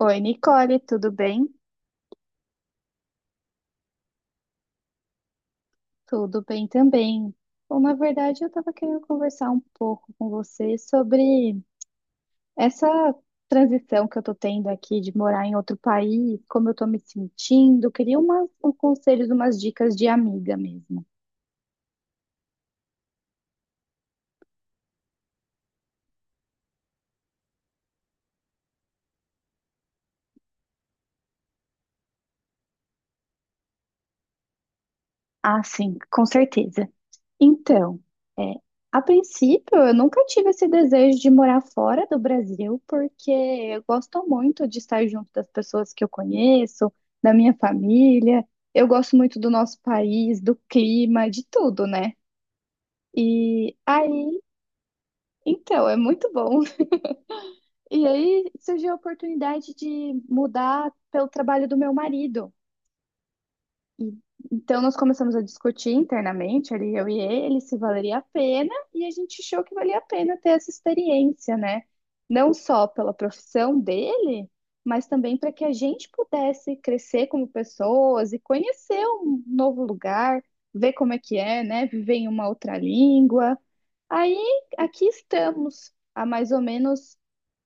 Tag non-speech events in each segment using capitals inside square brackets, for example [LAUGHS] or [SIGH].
Oi, Nicole, tudo bem? Tudo bem também. Bom, na verdade, eu estava querendo conversar um pouco com você sobre essa transição que eu estou tendo aqui de morar em outro país, como eu estou me sentindo. Queria uns conselhos, umas dicas de amiga mesmo. Ah, sim, com certeza. Então, é, a princípio, eu nunca tive esse desejo de morar fora do Brasil, porque eu gosto muito de estar junto das pessoas que eu conheço, da minha família. Eu gosto muito do nosso país, do clima, de tudo, né? E aí, então, é muito bom. [LAUGHS] E aí surgiu a oportunidade de mudar pelo trabalho do meu marido. E- Então, nós começamos a discutir internamente, ali eu e ele, se valeria a pena, e a gente achou que valia a pena ter essa experiência, né? Não só pela profissão dele, mas também para que a gente pudesse crescer como pessoas e conhecer um novo lugar, ver como é que é, né? Viver em uma outra língua. Aí, aqui estamos, há mais ou menos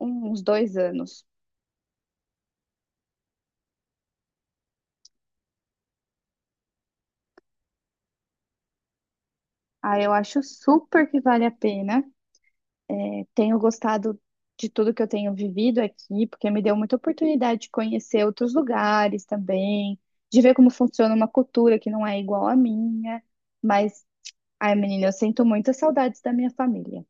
uns 2 anos. Aí eu acho super que vale a pena. Tenho gostado de tudo que eu tenho vivido aqui, porque me deu muita oportunidade de conhecer outros lugares também, de ver como funciona uma cultura que não é igual à minha. Mas, ai, menina, eu sinto muitas saudades da minha família.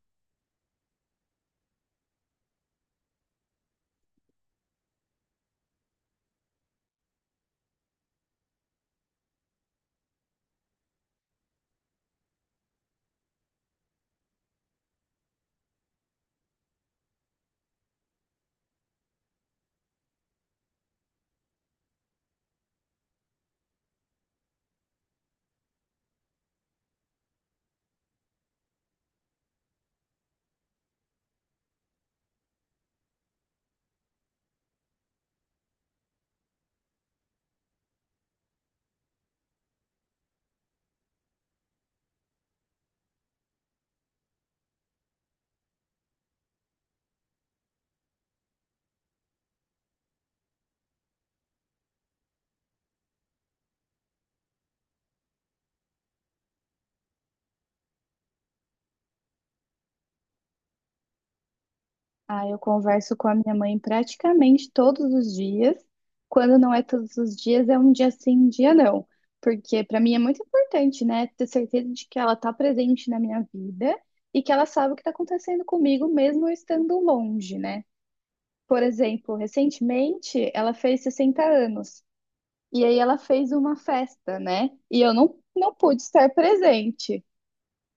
Ah, eu converso com a minha mãe praticamente todos os dias. Quando não é todos os dias, é um dia sim, um dia não. Porque para mim é muito importante, né, ter certeza de que ela está presente na minha vida e que ela sabe o que está acontecendo comigo, mesmo eu estando longe, né? Por exemplo, recentemente ela fez 60 anos e aí ela fez uma festa, né? E eu não pude estar presente.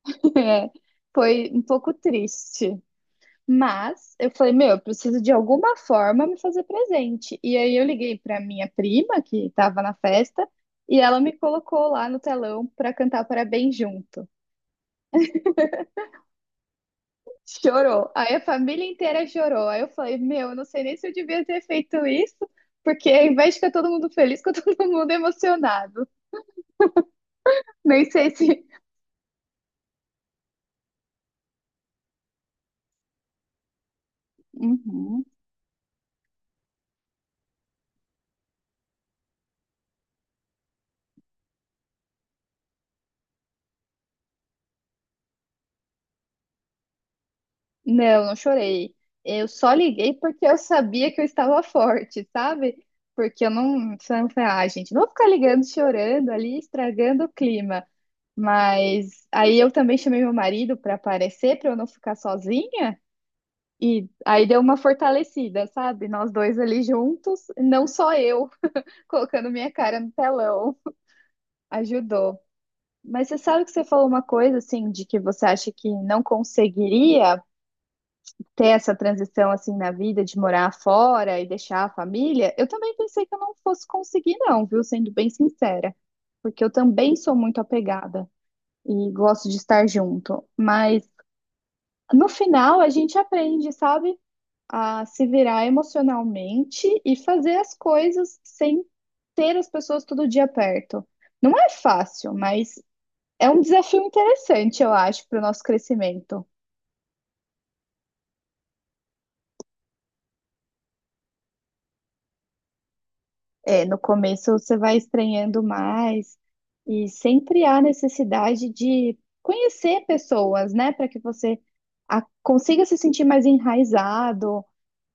[LAUGHS] É, foi um pouco triste. Mas eu falei, meu, eu preciso de alguma forma me fazer presente. E aí eu liguei para minha prima que estava na festa e ela me colocou lá no telão para cantar parabéns junto. Chorou. Aí a família inteira chorou. Aí eu falei, meu, eu não sei nem se eu devia ter feito isso, porque ao invés de ficar todo mundo feliz, ficou [LAUGHS] todo mundo emocionado. Nem sei se. [LAUGHS] Uhum. Não, não chorei. Eu só liguei porque eu sabia que eu estava forte, sabe? Porque eu não. Eu falei, ah, gente, não vou ficar ligando, chorando ali, estragando o clima. Mas aí eu também chamei meu marido para aparecer, para eu não ficar sozinha. E aí deu uma fortalecida, sabe? Nós dois ali juntos, não só eu [LAUGHS] colocando minha cara no telão, ajudou. Mas você sabe que você falou uma coisa assim, de que você acha que não conseguiria ter essa transição assim na vida de morar fora e deixar a família? Eu também pensei que eu não fosse conseguir, não, viu? Sendo bem sincera, porque eu também sou muito apegada e gosto de estar junto, mas no final a gente aprende, sabe? A se virar emocionalmente e fazer as coisas sem ter as pessoas todo dia perto. Não é fácil, mas é um desafio interessante, eu acho, para o nosso crescimento. É, no começo você vai estranhando mais e sempre há necessidade de conhecer pessoas, né, para que você consiga se sentir mais enraizado,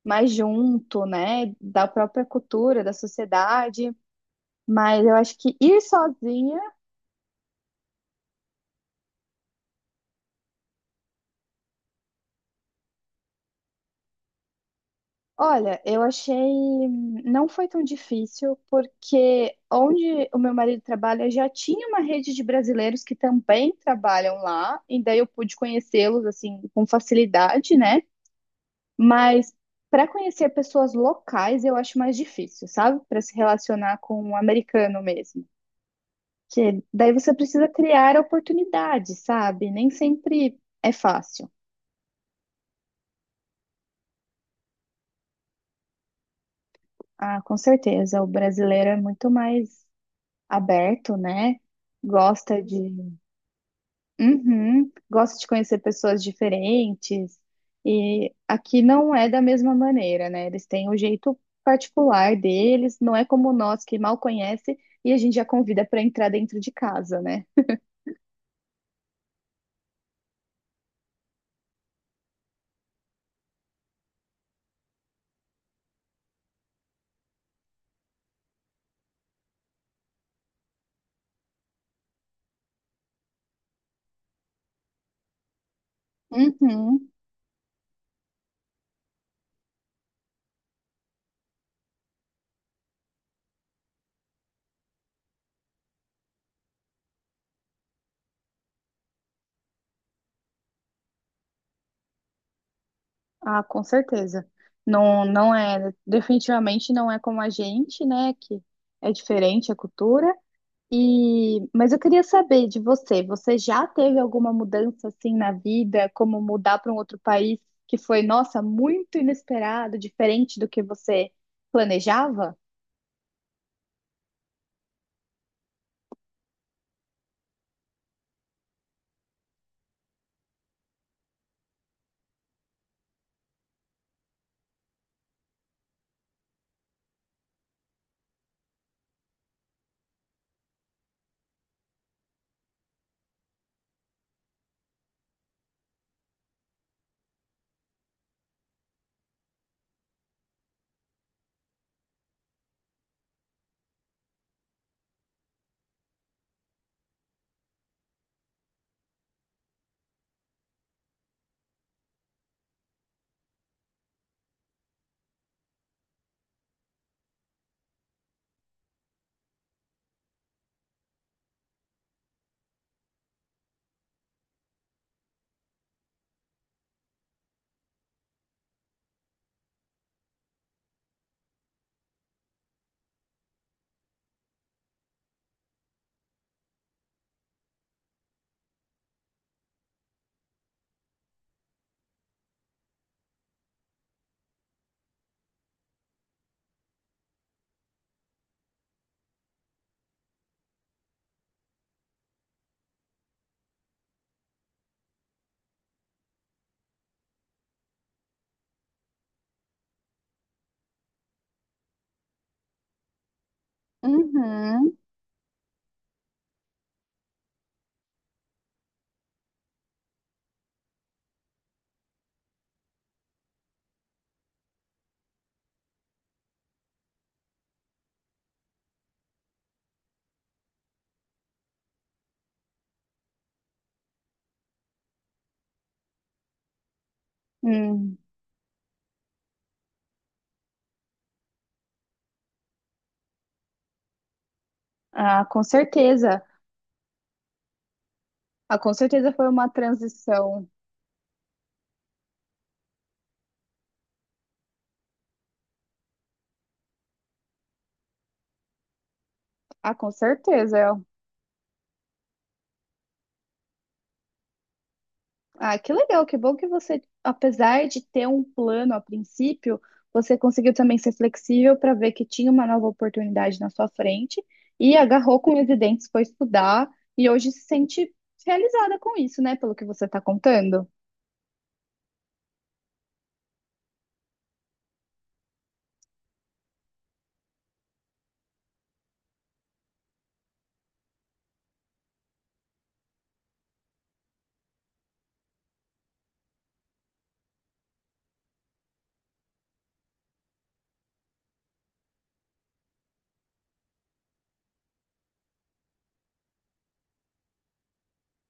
mais junto, né, da própria cultura, da sociedade. Mas eu acho que ir sozinho. Olha, eu achei. Não foi tão difícil, porque onde o meu marido trabalha já tinha uma rede de brasileiros que também trabalham lá, e daí eu pude conhecê-los, assim, com facilidade, né? Mas para conhecer pessoas locais eu acho mais difícil, sabe? Para se relacionar com um americano mesmo. Que daí você precisa criar oportunidade, sabe? Nem sempre é fácil. Ah, com certeza, o brasileiro é muito mais aberto, né? Gosta de, uhum, gosta de conhecer pessoas diferentes. E aqui não é da mesma maneira, né? Eles têm o jeito particular deles, não é como nós que mal conhece e a gente já convida para entrar dentro de casa, né? Uhum. Ah, com certeza. Não é, definitivamente não é como a gente, né? Que é diferente a cultura. E, mas eu queria saber de você, você já teve alguma mudança assim na vida, como mudar para um outro país que foi, nossa, muito inesperado, diferente do que você planejava? Uhum. Hum, ah, com certeza. Ah, com certeza foi uma transição. Ah, com certeza. É. Ah, que legal, que bom que você, apesar de ter um plano a princípio, você conseguiu também ser flexível para ver que tinha uma nova oportunidade na sua frente e agarrou com os dentes, foi estudar e hoje se sente realizada com isso, né? Pelo que você está contando.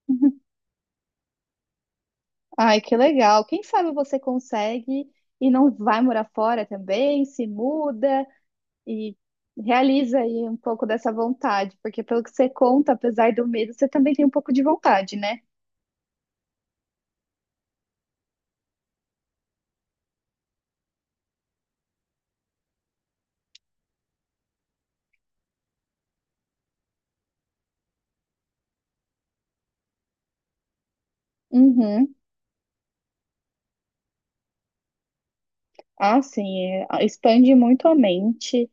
[LAUGHS] Ai, que legal. Quem sabe você consegue e não vai morar fora também, se muda e realiza aí um pouco dessa vontade, porque pelo que você conta, apesar do medo, você também tem um pouco de vontade, né? Uhum. Ah, sim, é, expande muito a mente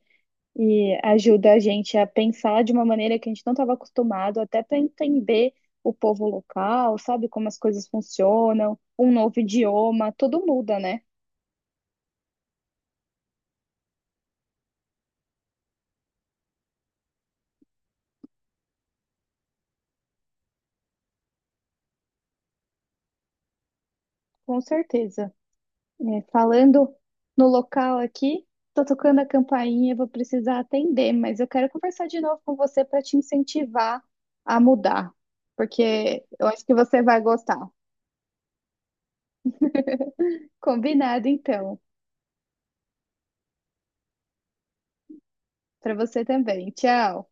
e ajuda a gente a pensar de uma maneira que a gente não estava acostumado, até para entender o povo local, sabe como as coisas funcionam, um novo idioma, tudo muda, né? Com certeza. É, falando no local aqui, tô tocando a campainha, vou precisar atender, mas eu quero conversar de novo com você para te incentivar a mudar, porque eu acho que você vai gostar. Combinado, então, para você também. Tchau.